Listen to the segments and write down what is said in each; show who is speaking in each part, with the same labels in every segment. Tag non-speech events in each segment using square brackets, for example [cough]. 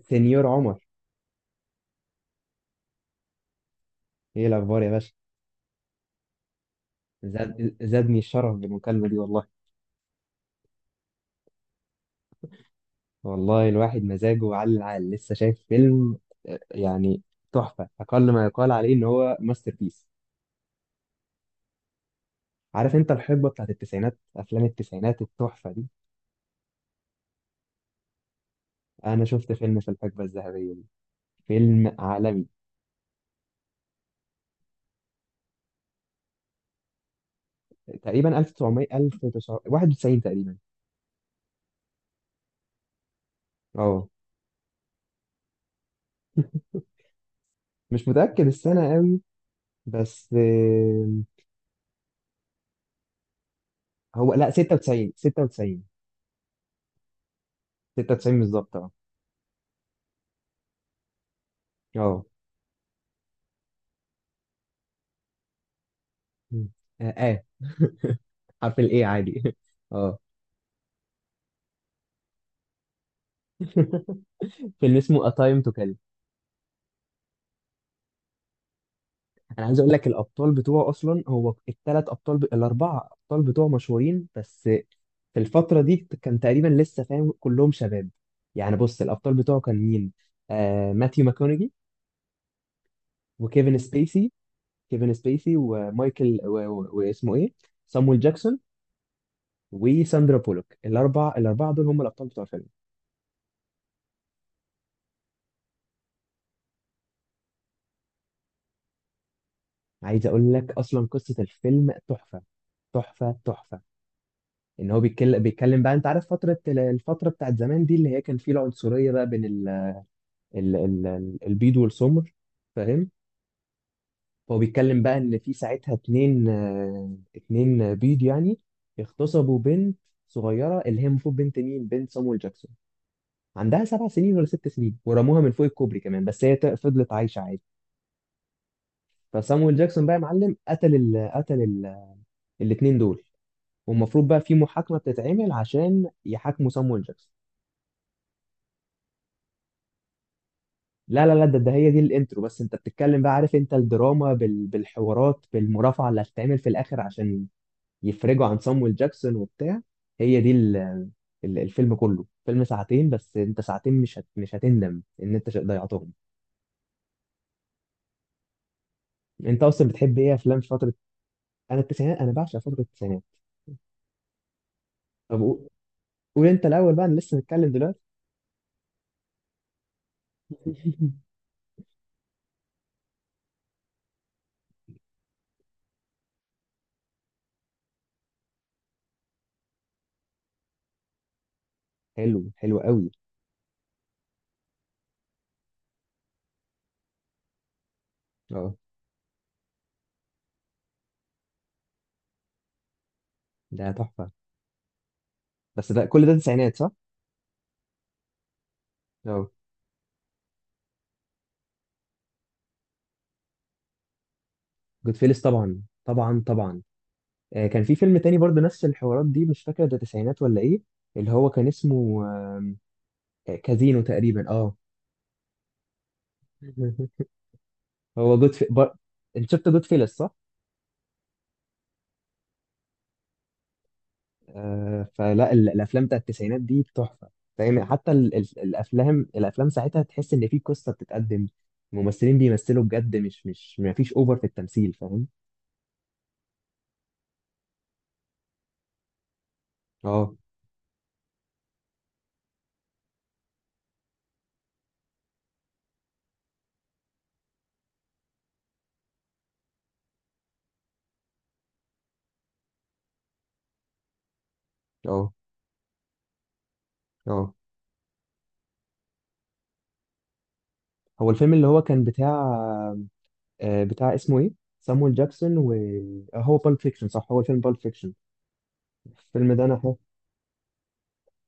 Speaker 1: سنيور عمر، ايه الاخبار يا باشا؟ زادني الشرف بالمكالمه دي والله. والله الواحد مزاجه على العال، لسه شايف فيلم آه، يعني تحفه، اقل ما يقال عليه ان هو ماستر بيس. عارف انت الحقبه بتاعت التسعينات، افلام التسعينات التحفه دي، انا شفت فيلم في الحقبه الذهبيه دي، فيلم عالمي. تقريبا 1900 1991 تقريبا. اه مش متاكد السنه قوي، بس هو لا 96. 96. 96 بالظبط، اه. اه. مم. اه. آه. [laughs] حرف الايه عادي. [laughs] اه. [laughs] فيلم اسمه A Time to Kill. انا عايز اقول لك الابطال بتوعه اصلا، هو الاربعه ابطال بتوعه مشهورين، بس في الفتره دي كان تقريبا لسه فاهم كلهم شباب. يعني بص، الابطال بتوعه كان مين؟ ماثيو ماكونيجي، وكيفن سبيسي. كيفن سبيسي ومايكل و... و... واسمه ايه، سامويل جاكسون، وساندرا بولوك. الاربعه دول هم الابطال بتوع الفيلم. عايز اقول لك اصلا قصه الفيلم تحفه، تحفه تحفه. ان هو بيتكلم بقى، انت عارف فتره الفتره بتاعت زمان دي اللي هي كان فيه العنصريه بقى بين البيض والسمر، فاهم؟ هو بيتكلم بقى ان في ساعتها اتنين، اتنين بيض يعني، اغتصبوا بنت صغيره اللي هي المفروض بنت مين، بنت صامويل جاكسون، عندها سبع سنين ولا ست سنين، ورموها من فوق الكوبري كمان، بس هي فضلت عايشه عادي. فصامويل جاكسون بقى يا معلم قتل ال الاتنين دول. والمفروض بقى في محاكمه بتتعمل عشان يحاكموا صامويل جاكسون. لا لا لا ده, ده هي دي الانترو بس. انت بتتكلم بقى، عارف انت الدراما بالحوارات، بالمرافعه اللي هتتعمل في الاخر عشان يفرجوا عن صامويل جاكسون وبتاع. هي دي ال... ال- الفيلم كله فيلم ساعتين، بس انت ساعتين مش هتندم ان انت ضيعتهم. انت اصلا بتحب ايه افلام في فتره؟ انا التسعينات، انا بعشق فتره التسعينات. طب قو- قول انت الاول بقى، انا لسه متكلم دلوقتي. [laughs] حلو، حلو قوي. اه ده تحفه. بس ده كل ده تسعينات صح؟ اه. جود فيلس طبعا طبعا طبعا. كان في فيلم تاني برضه نفس الحوارات دي، مش فاكر ده تسعينات ولا ايه، اللي هو كان اسمه كازينو تقريبا، اه. [laughs] هو جود في... بر... انت شفت جود فيلس صح؟ فلا الافلام بتاعت التسعينات دي تحفه، فاهم؟ حتى ال... ال... الافلام الافلام ساعتها تحس ان في قصه بتتقدم، الممثلين بيمثلوا بجد، مش مش ما فيش اوفر في التمثيل، فاهم؟ اه. اه. اه. هو الفيلم اللي هو كان بتاع بتاع اسمه ايه، سامويل جاكسون و هو بالب فيكشن صح، هو فيلم بالب فيكشن. الفيلم ده انا،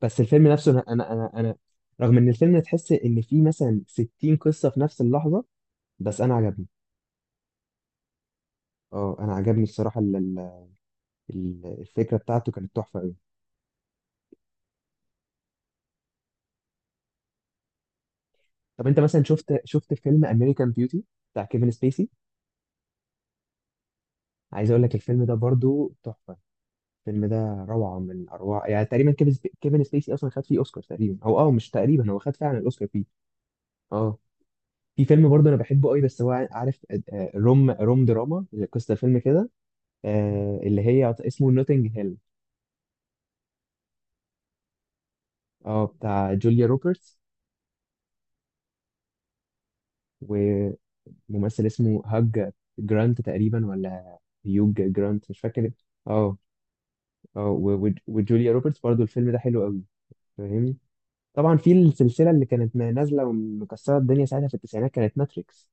Speaker 1: بس الفيلم نفسه أنا رغم ان الفيلم تحس ان فيه مثلا 60 قصة في نفس اللحظة، بس انا عجبني. اه انا عجبني الصراحة، الفكرة بتاعته كانت تحفة قوي. طب انت مثلا شفت فيلم امريكان بيوتي، بتاع كيفن سبيسي. عايز اقول لك الفيلم ده برضو تحفة. الفيلم ده روعة من اروع، يعني تقريبا كيفن سبيسي اصلا خد فيه اوسكار تقريبا، او اه مش تقريبا، هو خد فعلا الاوسكار فيه. اه. في فيلم برضه انا بحبه قوي، بس هو عارف، روم دراما. قصة الفيلم كده، اللي هي اسمه نوتنج هيل. اه بتاع جوليا روبرتس، وممثل اسمه هاج جرانت تقريبا، ولا هيوج جرانت مش فاكر. اه. اه و- و- وجوليا روبرتس برضو، الفيلم ده حلو قوي، فاهمني؟ طبعا في السلسله اللي كانت نازله ومكسره الدنيا ساعتها في التسعينات، كانت ماتريكس.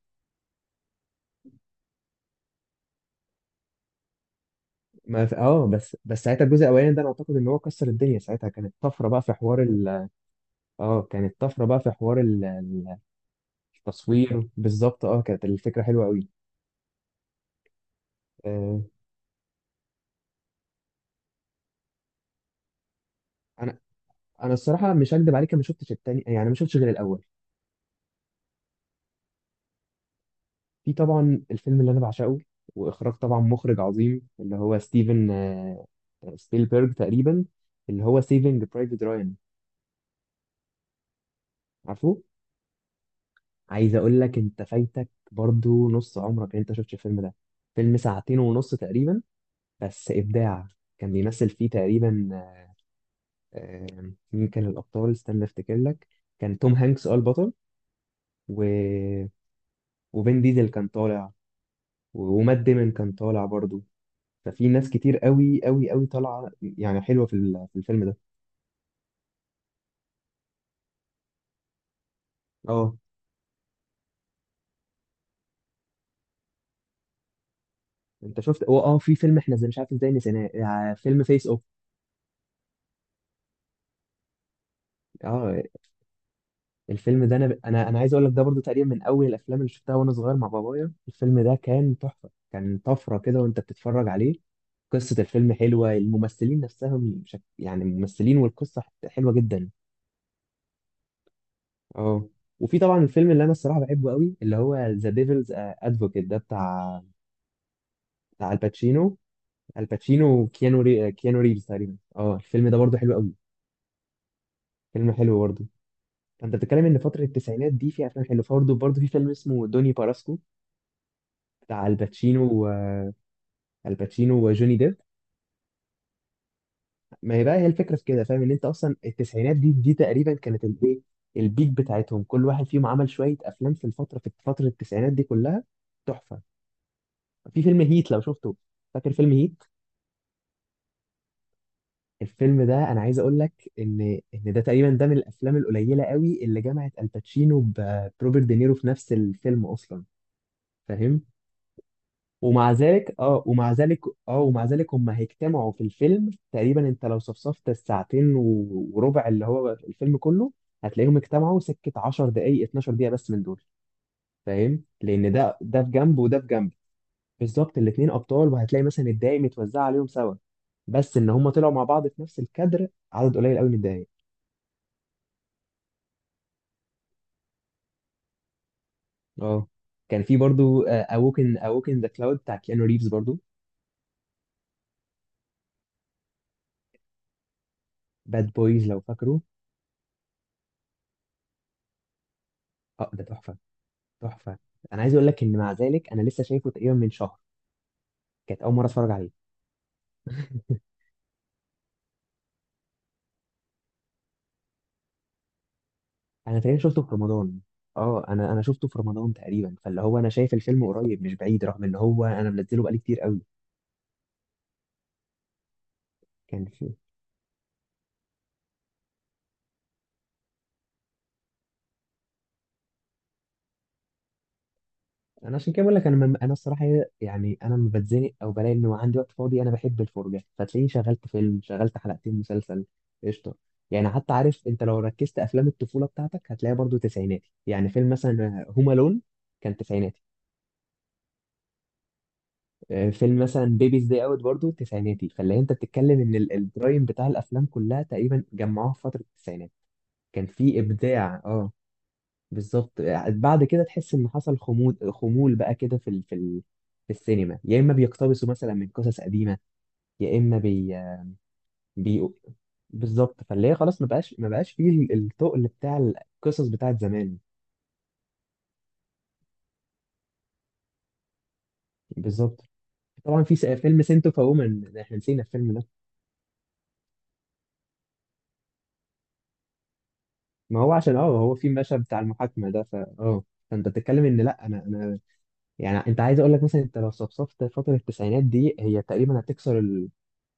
Speaker 1: ما ف... اه بس ساعتها الجزء الاولاني ده انا اعتقد ان هو كسر الدنيا، ساعتها كانت طفره بقى في حوار اه كانت طفره بقى في حوار التصوير، بالظبط. اه كانت الفكره حلوه قوي. آه، انا، الصراحه مش هكدب عليك، أنا ما شفتش التاني، يعني ما شفتش غير الاول. في طبعا الفيلم اللي انا بعشقه، واخراج طبعا مخرج عظيم اللي هو ستيفن، سبيلبرج تقريبا، اللي هو سيفنج برايفت رايان. عارفه، عايز اقول لك انت فايتك برضو نص عمرك إن انت شفتش الفيلم ده. فيلم ساعتين ونص تقريبا، بس ابداع. كان بيمثل فيه تقريبا، مين كان الابطال، استنى افتكر لك. كان توم هانكس اه البطل، و... وفين ديزل كان طالع، ومات ديمون كان طالع برضو. ففي ناس كتير قوي قوي قوي طالعه يعني، حلوه في في الفيلم ده. اه. انت شفت هو، اه في فيلم احنا زي مش عارف ازاي نسيناه، فيلم فيس اوف. اه الفيلم ده انا انا انا عايز اقول لك ده برضو تقريبا من اول الافلام اللي شفتها وانا صغير مع بابايا، الفيلم ده كان تحفه، كان طفره كده وانت بتتفرج عليه. قصه الفيلم حلوه، الممثلين نفسهم يعني الممثلين والقصه حلوه جدا. اه. وفي طبعا الفيلم اللي انا الصراحه بحبه قوي، اللي هو ذا ديفلز ادفوكيت ده بتاع، بتاع الباتشينو. الباتشينو كيانو ريفز تقريبا، اه. الفيلم ده برضه حلو قوي. فيلم حلو برضه. فانت بتتكلم ان فتره التسعينات دي في افلام حلوه. برضه في فيلم اسمه دوني باراسكو، بتاع الباتشينو الباتشينو وجوني ديب. ما هي بقى هي الفكره في كده، فاهم؟ ان انت اصلا التسعينات دي تقريبا كانت الايه، البيك بتاعتهم، كل واحد فيهم عمل شويه افلام في الفتره، في فتره التسعينات دي كلها تحفه. في فيلم هيت لو شفته، فاكر فيلم هيت؟ الفيلم ده انا عايز اقول لك ان ان ده تقريبا ده من الافلام القليله قوي اللي جمعت الباتشينو ب- بروبرت دينيرو في نفس الفيلم اصلا، فاهم؟ ومع ذلك، اه ومع ذلك، اه ومع ذلك هم هيجتمعوا في الفيلم تقريبا. انت لو صفصفت الساعتين وربع اللي هو الفيلم كله، هتلاقيهم اجتمعوا سكه 10 دقائق، 12 دقيقه بس من دول. فاهم؟ لان ده في جنب وده في جنب. بالظبط، الاتنين ابطال، وهتلاقي مثلا الدقايق متوزعه عليهم سوا، بس ان هم طلعوا مع بعض في نفس الكادر عدد قليل قوي من الدقايق. اه. كان في برضو اوكن ذا كلاود بتاع كيانو ريفز برضو. باد بويز لو فاكره. اه ده تحفه، تحفه. انا عايز اقول لك ان مع ذلك انا لسه شايفه تقريبا من شهر، كانت اول مره اتفرج عليه. انا تقريبا شفته في رمضان. اه انا شفته في رمضان تقريبا، فاللي هو انا شايف الفيلم قريب مش بعيد، رغم ان هو انا منزله بقالي كتير قوي. كان، انا عشان كده بقول لك، انا الصراحه يعني انا لما بتزنق او بلاقي انه عندي وقت فاضي، انا بحب الفرجه، فتلاقيني شغلت فيلم، شغلت حلقتين مسلسل، قشطه. يعني حتى عارف انت لو ركزت افلام الطفوله بتاعتك هتلاقيها برضو تسعيناتي، يعني فيلم مثلا هوم الون كان تسعيناتي. فيلم مثلا بيبيز داي اوت برضو تسعيناتي. فاللي انت بتتكلم ان البرايم بتاع الافلام كلها تقريبا جمعوها في فتره التسعينات. كان في ابداع اه، بالظبط. بعد كده تحس ان حصل خمول، خمول بقى كده في في السينما، يا اما بيقتبسوا مثلا من قصص قديمه، يا اما بي, بي... بالظبط. فاللي هي خلاص ما بقاش فيه التقل بتاع القصص بتاعت زمان. بالظبت. طبعا في فيلم سنتو فومن، احنا نسينا الفيلم ده. ما هو عشان اه هو في مشهد بتاع المحاكمه ده، فا اه فانت بتتكلم ان، لا انا انا يعني انت عايز اقول لك مثلا انت لو صفصفت فتره التسعينات دي، هي تقريبا هتكسر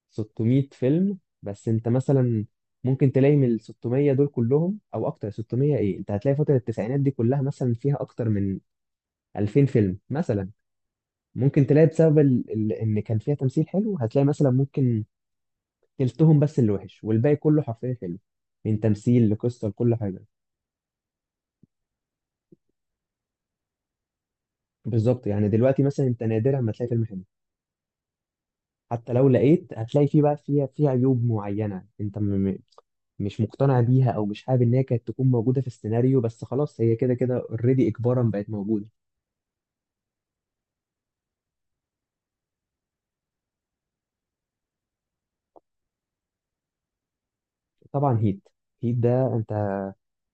Speaker 1: 600 فيلم. بس انت مثلا ممكن تلاقي من ال 600 دول كلهم او اكتر، 600 ايه، انت هتلاقي فترة التسعينات دي كلها مثلا فيها اكتر من 2000 فيلم مثلا. ممكن تلاقي بسبب ان كان فيها تمثيل حلو، هتلاقي مثلا ممكن تلتهم بس اللي وحش، والباقي كله حرفيا حلو، من تمثيل لقصة لكل حاجة. بالظبط، يعني دلوقتي مثلا انت نادرا ما تلاقي فيلم حلو. حتى لو لقيت هتلاقي فيه بقى، فيها فيه عيوب معينة انت م- مش مقتنع بيها، او مش حابب ان هي كانت تكون موجودة في السيناريو، بس خلاص هي كده كده اوريدي اجبارا بقت موجودة. طبعا هيت. ده انت،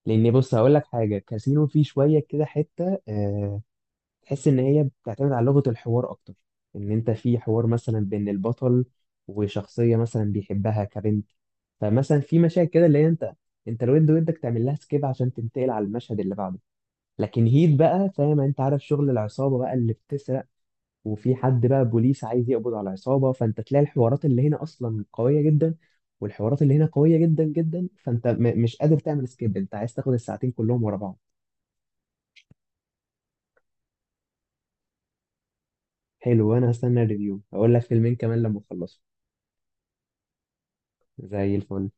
Speaker 1: لان بص هقول لك حاجة، كاسينو فيه شوية كده حتة تحس ان هي بتعتمد على لغة الحوار اكتر. ان انت في حوار مثلا بين البطل وشخصية مثلا بيحبها كبنت، فمثلا في مشاهد كده اللي هي انت الود ودك تعمل لها سكيب عشان تنتقل على المشهد اللي بعده. لكن هيت بقى فاهم، انت عارف شغل العصابه بقى اللي بتسرق، وفي حد بقى بوليس عايز يقبض على العصابه، فانت تلاقي الحوارات اللي هنا اصلا قويه جدا، والحوارات اللي هنا قويه جدا جدا، فانت مش قادر تعمل سكيب، انت عايز تاخد الساعتين كلهم ورا بعض. حلو، وانا هستنى الريفيو، هقول لك فيلمين كمان لما اخلصهم. زي الفل.